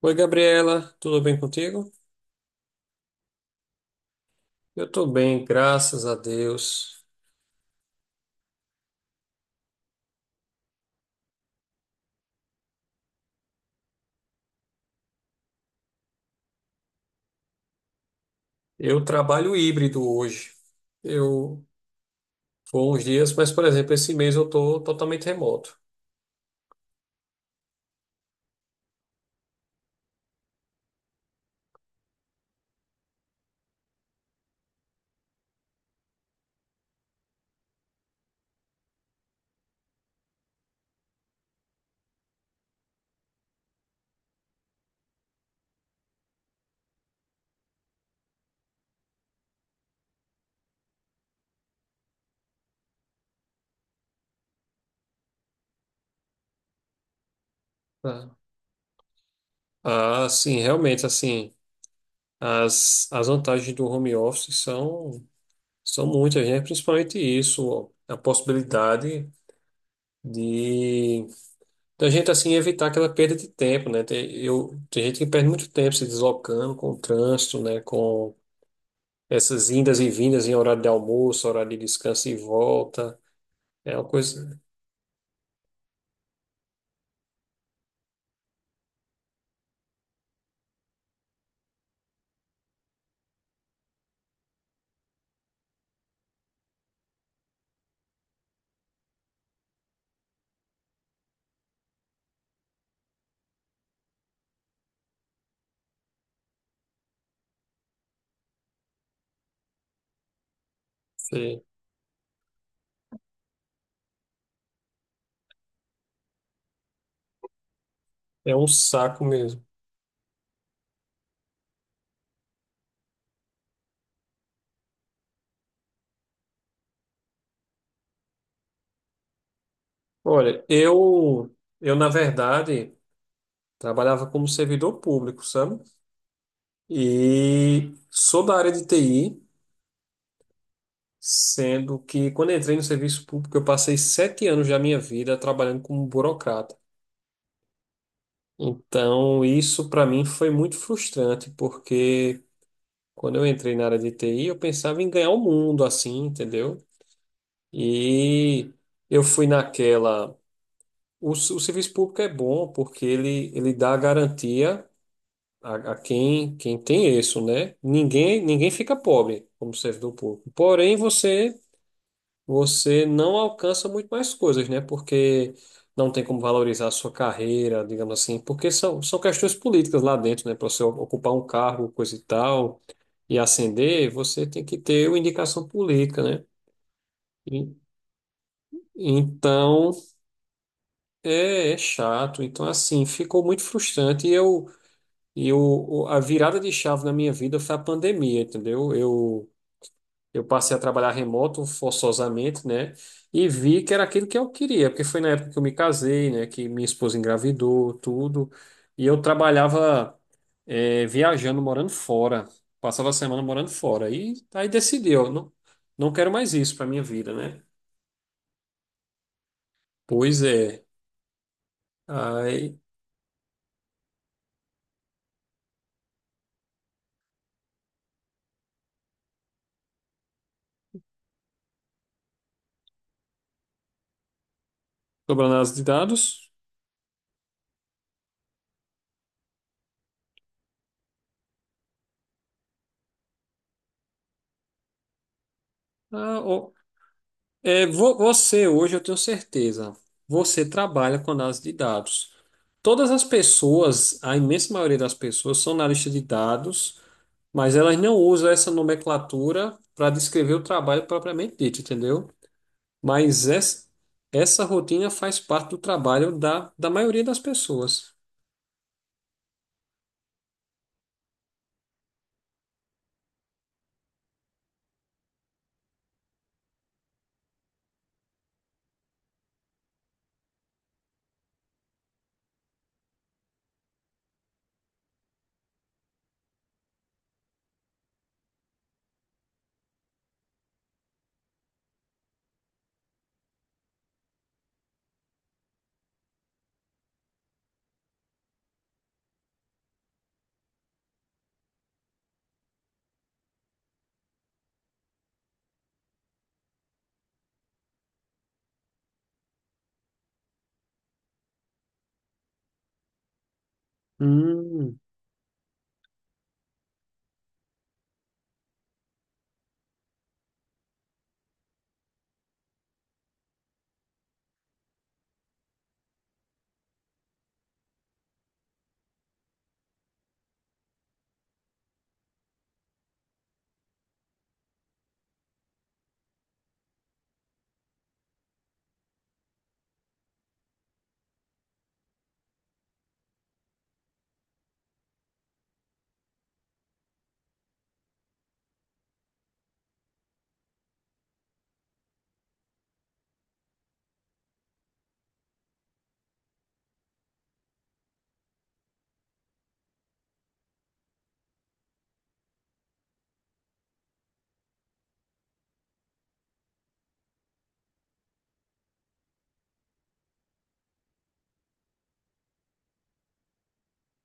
Oi, Gabriela, tudo bem contigo? Eu estou bem, graças a Deus. Eu trabalho híbrido hoje. Eu vou uns dias, mas, por exemplo, esse mês eu estou totalmente remoto. Tá? Ah, sim, realmente, assim, as vantagens do home office são muitas, né? Principalmente isso, ó, a possibilidade de da gente, assim, evitar aquela perda de tempo, né? Tem gente que perde muito tempo se deslocando com o trânsito, né? Com essas indas e vindas em horário de almoço, horário de descanso e volta. É uma coisa. Sim, é um saco mesmo. Olha, eu na verdade, trabalhava como servidor público, sabe? E sou da área de TI, sendo que quando entrei no serviço público, eu passei 7 anos da minha vida trabalhando como burocrata. Então, isso para mim foi muito frustrante, porque quando eu entrei na área de TI, eu pensava em ganhar o mundo, assim, entendeu? E eu fui naquela. O serviço público é bom porque ele dá garantia a quem, quem tem isso, né? Ninguém fica pobre como servidor público. Porém, você, você não alcança muito mais coisas, né? Porque não tem como valorizar a sua carreira, digamos assim, porque são questões políticas lá dentro, né? Para você ocupar um cargo, coisa e tal, e ascender, você tem que ter uma indicação política, né? E- Então. É, é chato. Então, assim, ficou muito frustrante. A virada de chave na minha vida foi a pandemia, entendeu? Eu passei a trabalhar remoto forçosamente, né? E vi que era aquilo que eu queria, porque foi na época que eu me casei, né? Que minha esposa engravidou, tudo. E eu trabalhava, viajando, morando fora. Passava a semana morando fora. E aí decidi, eu não, não quero mais isso para minha vida, né? Pois é. Aí, sobre análise de dados. É, você, hoje eu tenho certeza, você trabalha com análise de dados. Todas as pessoas, a imensa maioria das pessoas, são analistas de dados, mas elas não usam essa nomenclatura para descrever o trabalho propriamente dito, entendeu? Mas essa rotina faz parte do trabalho da maioria das pessoas. Hum,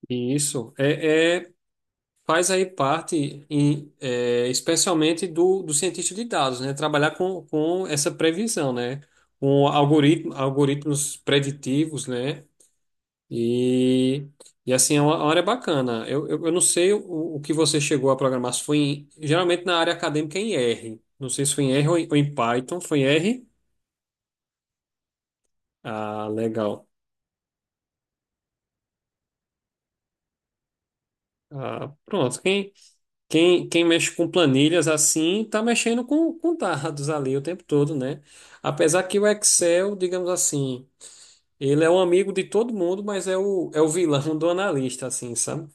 isso. É, faz aí parte, especialmente do cientista de dados, né? Trabalhar com essa previsão, né? Com algoritmos preditivos, né? E, e assim, é uma área bacana. Eu não sei o que você chegou a programar, se foi geralmente na área acadêmica é em R. Não sei se foi em R ou em Python. Foi em R? Ah, legal. Ah, pronto. Quem mexe com planilhas assim, está mexendo com dados ali o tempo todo, né? Apesar que o Excel, digamos assim, ele é um amigo de todo mundo, mas é é o vilão do analista, assim, sabe?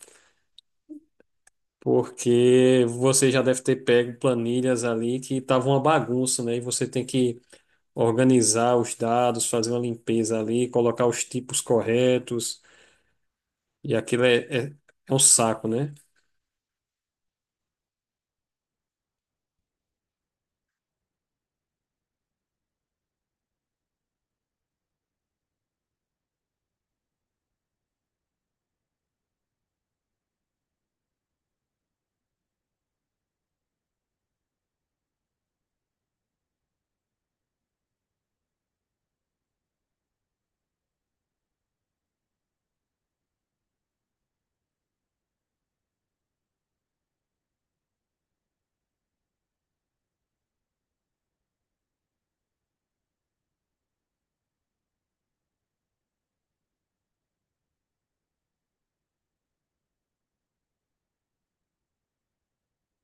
Porque você já deve ter pego planilhas ali que estavam uma bagunça, né? E você tem que organizar os dados, fazer uma limpeza ali, colocar os tipos corretos, e é, é um saco, né?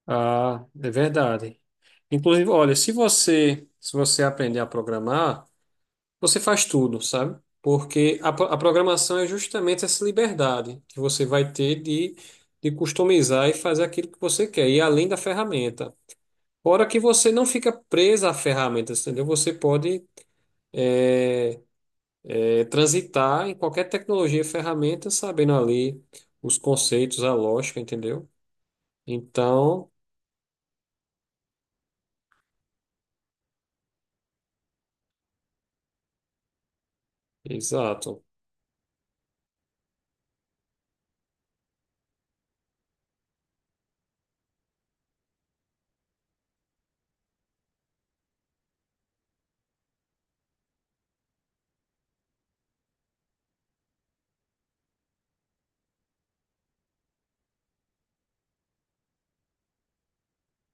Ah, é verdade. Inclusive, olha, se você aprender a programar, você faz tudo, sabe? Porque a programação é justamente essa liberdade que você vai ter de customizar e fazer aquilo que você quer, e além da ferramenta. Fora que você não fica presa à ferramenta, entendeu? Você pode é, transitar em qualquer tecnologia e ferramenta, sabendo ali os conceitos, a lógica, entendeu? Então, exato.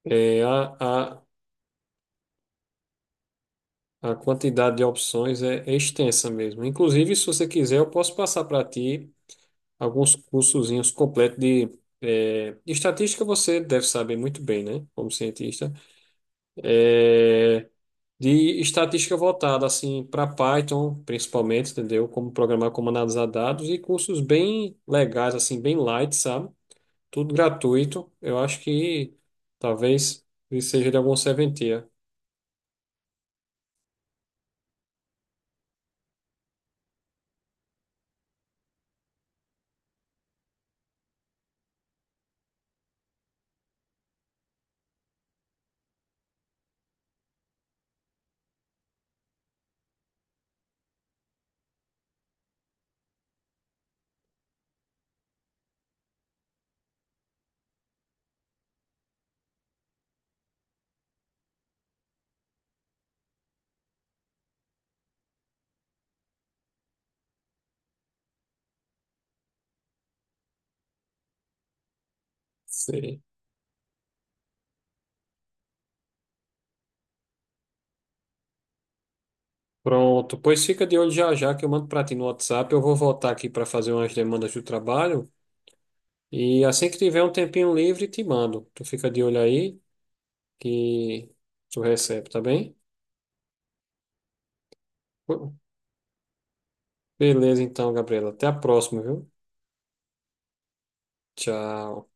É, a- a quantidade de opções é, é extensa mesmo. Inclusive, se você quiser, eu posso passar para ti alguns cursozinhos completos de, de estatística. Você deve saber muito bem, né? Como cientista, Eh, de estatística voltada assim para Python, principalmente, entendeu? Como programar, como analisar dados e cursos bem legais, assim, bem light, sabe? Tudo gratuito. Eu acho que talvez seja de algum serventia. Pronto, pois fica de olho já já que eu mando para ti no WhatsApp. Eu vou voltar aqui para fazer umas demandas do trabalho e assim que tiver um tempinho livre, te mando. Tu fica de olho aí que tu recebe, tá bem? Beleza, então, Gabriela. Até a próxima, viu? Tchau.